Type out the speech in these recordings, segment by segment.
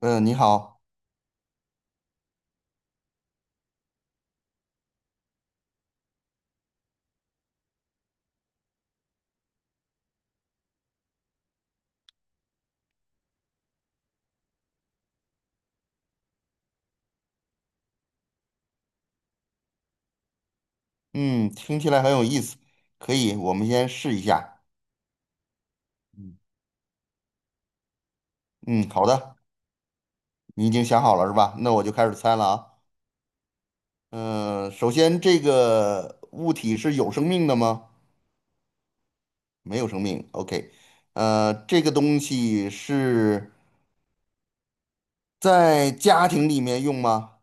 嗯，你好，嗯，听起来很有意思，可以，我们先试一下。嗯，好的，你已经想好了是吧？那我就开始猜了啊。嗯，首先这个物体是有生命的吗？没有生命。OK，这个东西是在家庭里面用吗？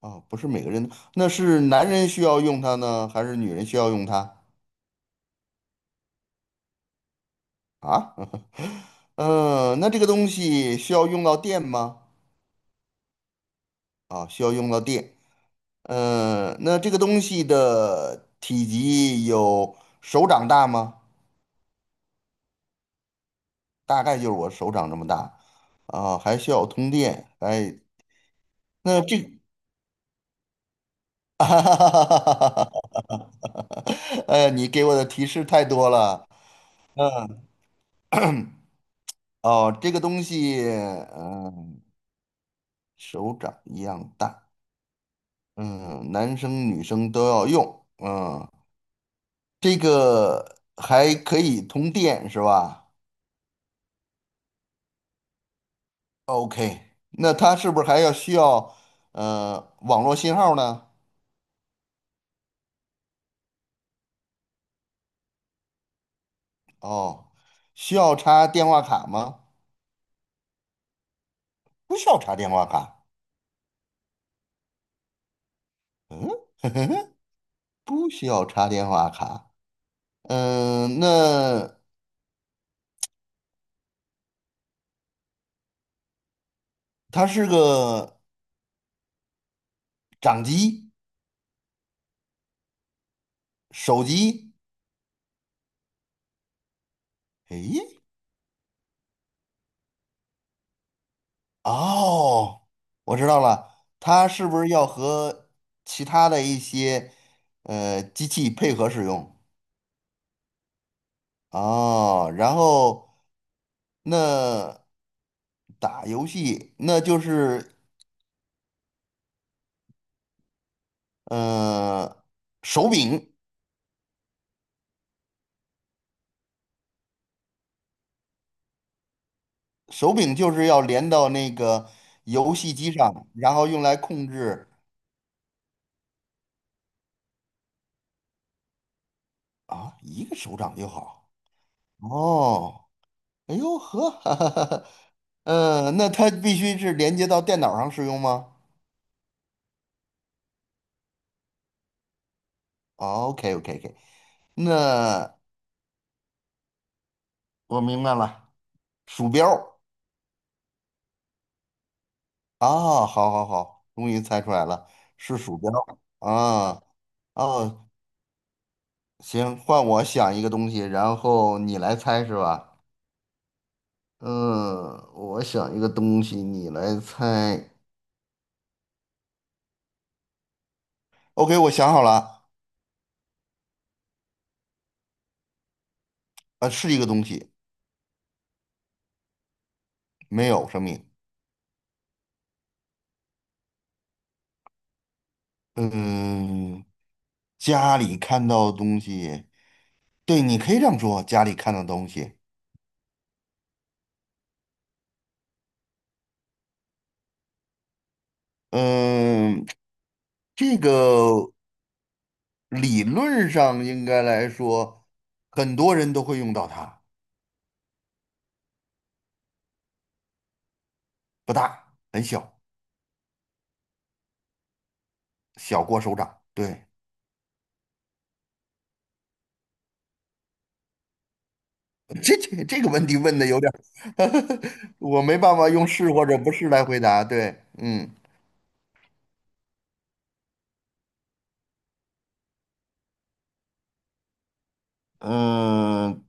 哦，不是每个人，那是男人需要用它呢，还是女人需要用它啊？嗯，那这个东西需要用到电吗？啊，需要用到电。嗯，那这个东西的体积有手掌大吗？大概就是我手掌这么大啊，还需要通电。哎，那这个，哎，你给我的提示太多了。嗯哦，这个东西，手掌一样大，嗯，男生女生都要用，这个还可以通电是吧？OK，那它是不是还要需要网络信号呢？哦，需要插电话卡吗？不需要插电话卡。嗯，不需要插电话卡。嗯、那它是个掌机、手机。诶，哦，我知道了，它是不是要和其他的一些机器配合使用？哦，然后那打游戏，那就是呃手柄，手柄就是要连到那个游戏机上，然后用来控制啊，一个手掌就好。哦，哎呦呵，哈哈哈那它必须是连接到电脑上使用吗？OK OK OK，那我明白了，鼠标。啊，好好好，终于猜出来了，是鼠标啊。哦，行，换我想一个东西，然后你来猜是吧？嗯，我想一个东西，你来猜。OK，我想好了，是一个东西，没有生命。嗯，家里看到的东西，对，你可以这样说，家里看到的东西。嗯，这个理论上应该来说，很多人都会用到它。不大，很小，小过手掌。对，这个问题问的有点儿，我没办法用是或者不是来回答。对，嗯嗯，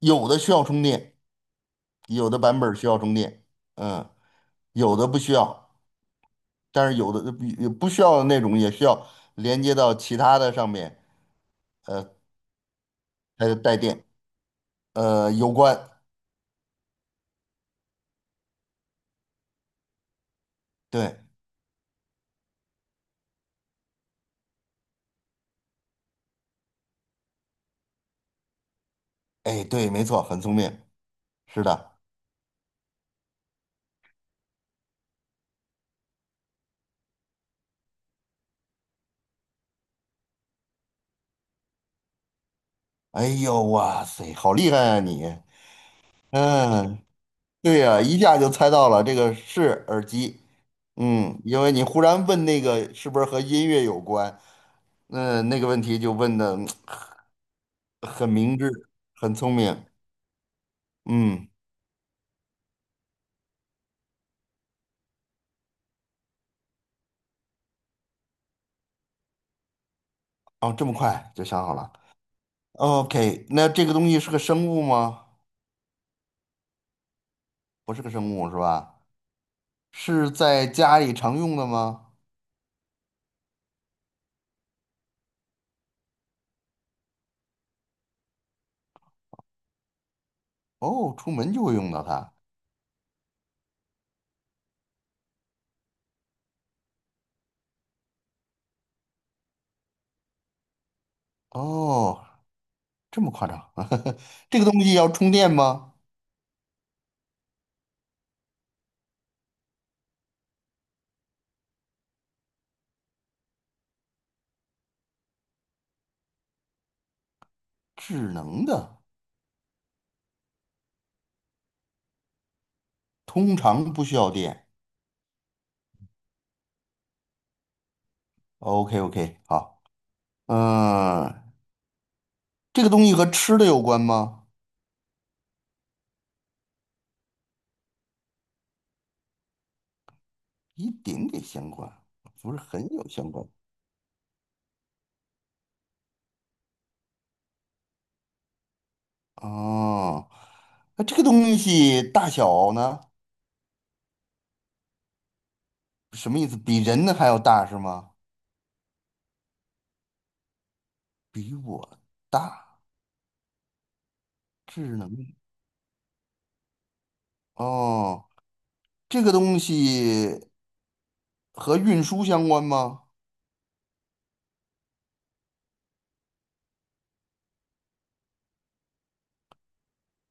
有的需要充电，有的版本儿需要充电，嗯，有的不需要，但是有的不需要的那种也需要连接到其他的上面，它就带电。有关，对，哎，对，没错，很聪明，是的。哎呦，哇塞，好厉害啊你！嗯，对呀，一下就猜到了，这个是耳机。嗯，因为你忽然问那个是不是和音乐有关，那那个问题就问的很明智，很聪明。嗯，哦，这么快就想好了。OK，那这个东西是个生物吗？不是个生物是吧？是在家里常用的吗？哦，出门就会用到它。哦，这么夸张？这个东西要充电吗？智能的，通常不需要电。OK OK，好，嗯、这个东西和吃的有关吗？一点点相关，不是很有相关。哦，那这个东西大小呢？什么意思？比人呢还要大是吗？比我大，智能。哦，这个东西和运输相关吗？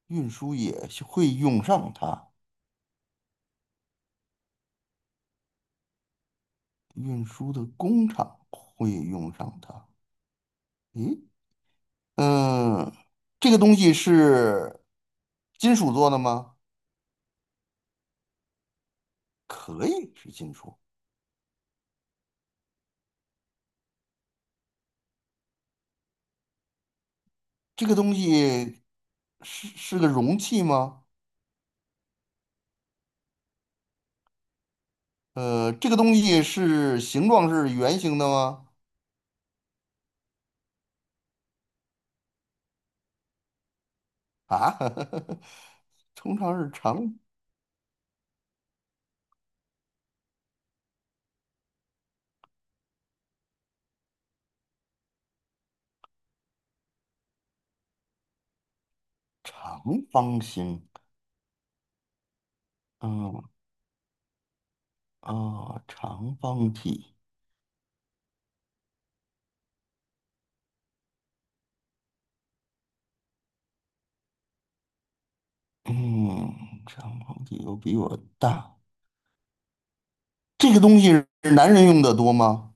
运输也是会用上它，运输的工厂会用上它。诶，嗯，这个东西是金属做的吗？可以是金属。这个东西是个容器吗？这个东西是形状是圆形的吗？啊，通常是长方形。嗯啊，长方体。嗯，长方体又比我大。这个东西是男人用的多吗？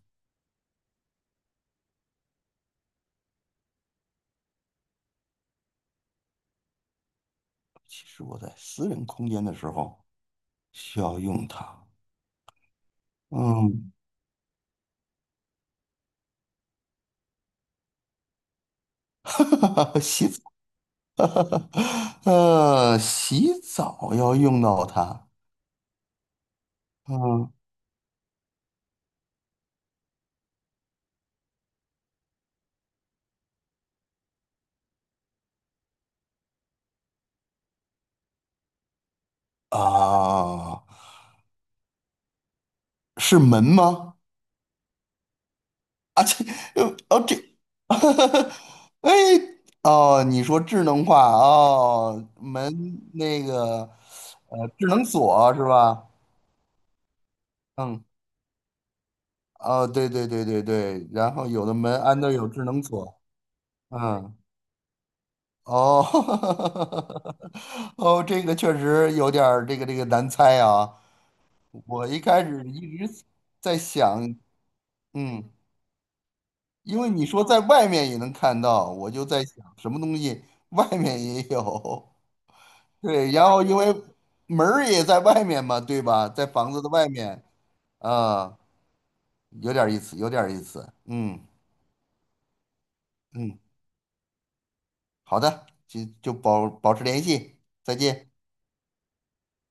其实我在私人空间的时候需要用它。嗯，哈哈，哈，洗澡，洗澡要用到它。嗯啊，是门吗？啊，这，哦，这，哎，哦，你说智能化哦，门那个，智能锁是吧？嗯，哦，对对对对对，然后有的门安的有智能锁，嗯。哦，哦，这个确实有点儿这个难猜啊。我一开始一直在想，嗯，因为你说在外面也能看到，我就在想什么东西外面也有。对，然后因为门儿也在外面嘛，对吧？在房子的外面，啊，有点儿意思，有点儿意思。嗯嗯，好的，就保持联系，再见。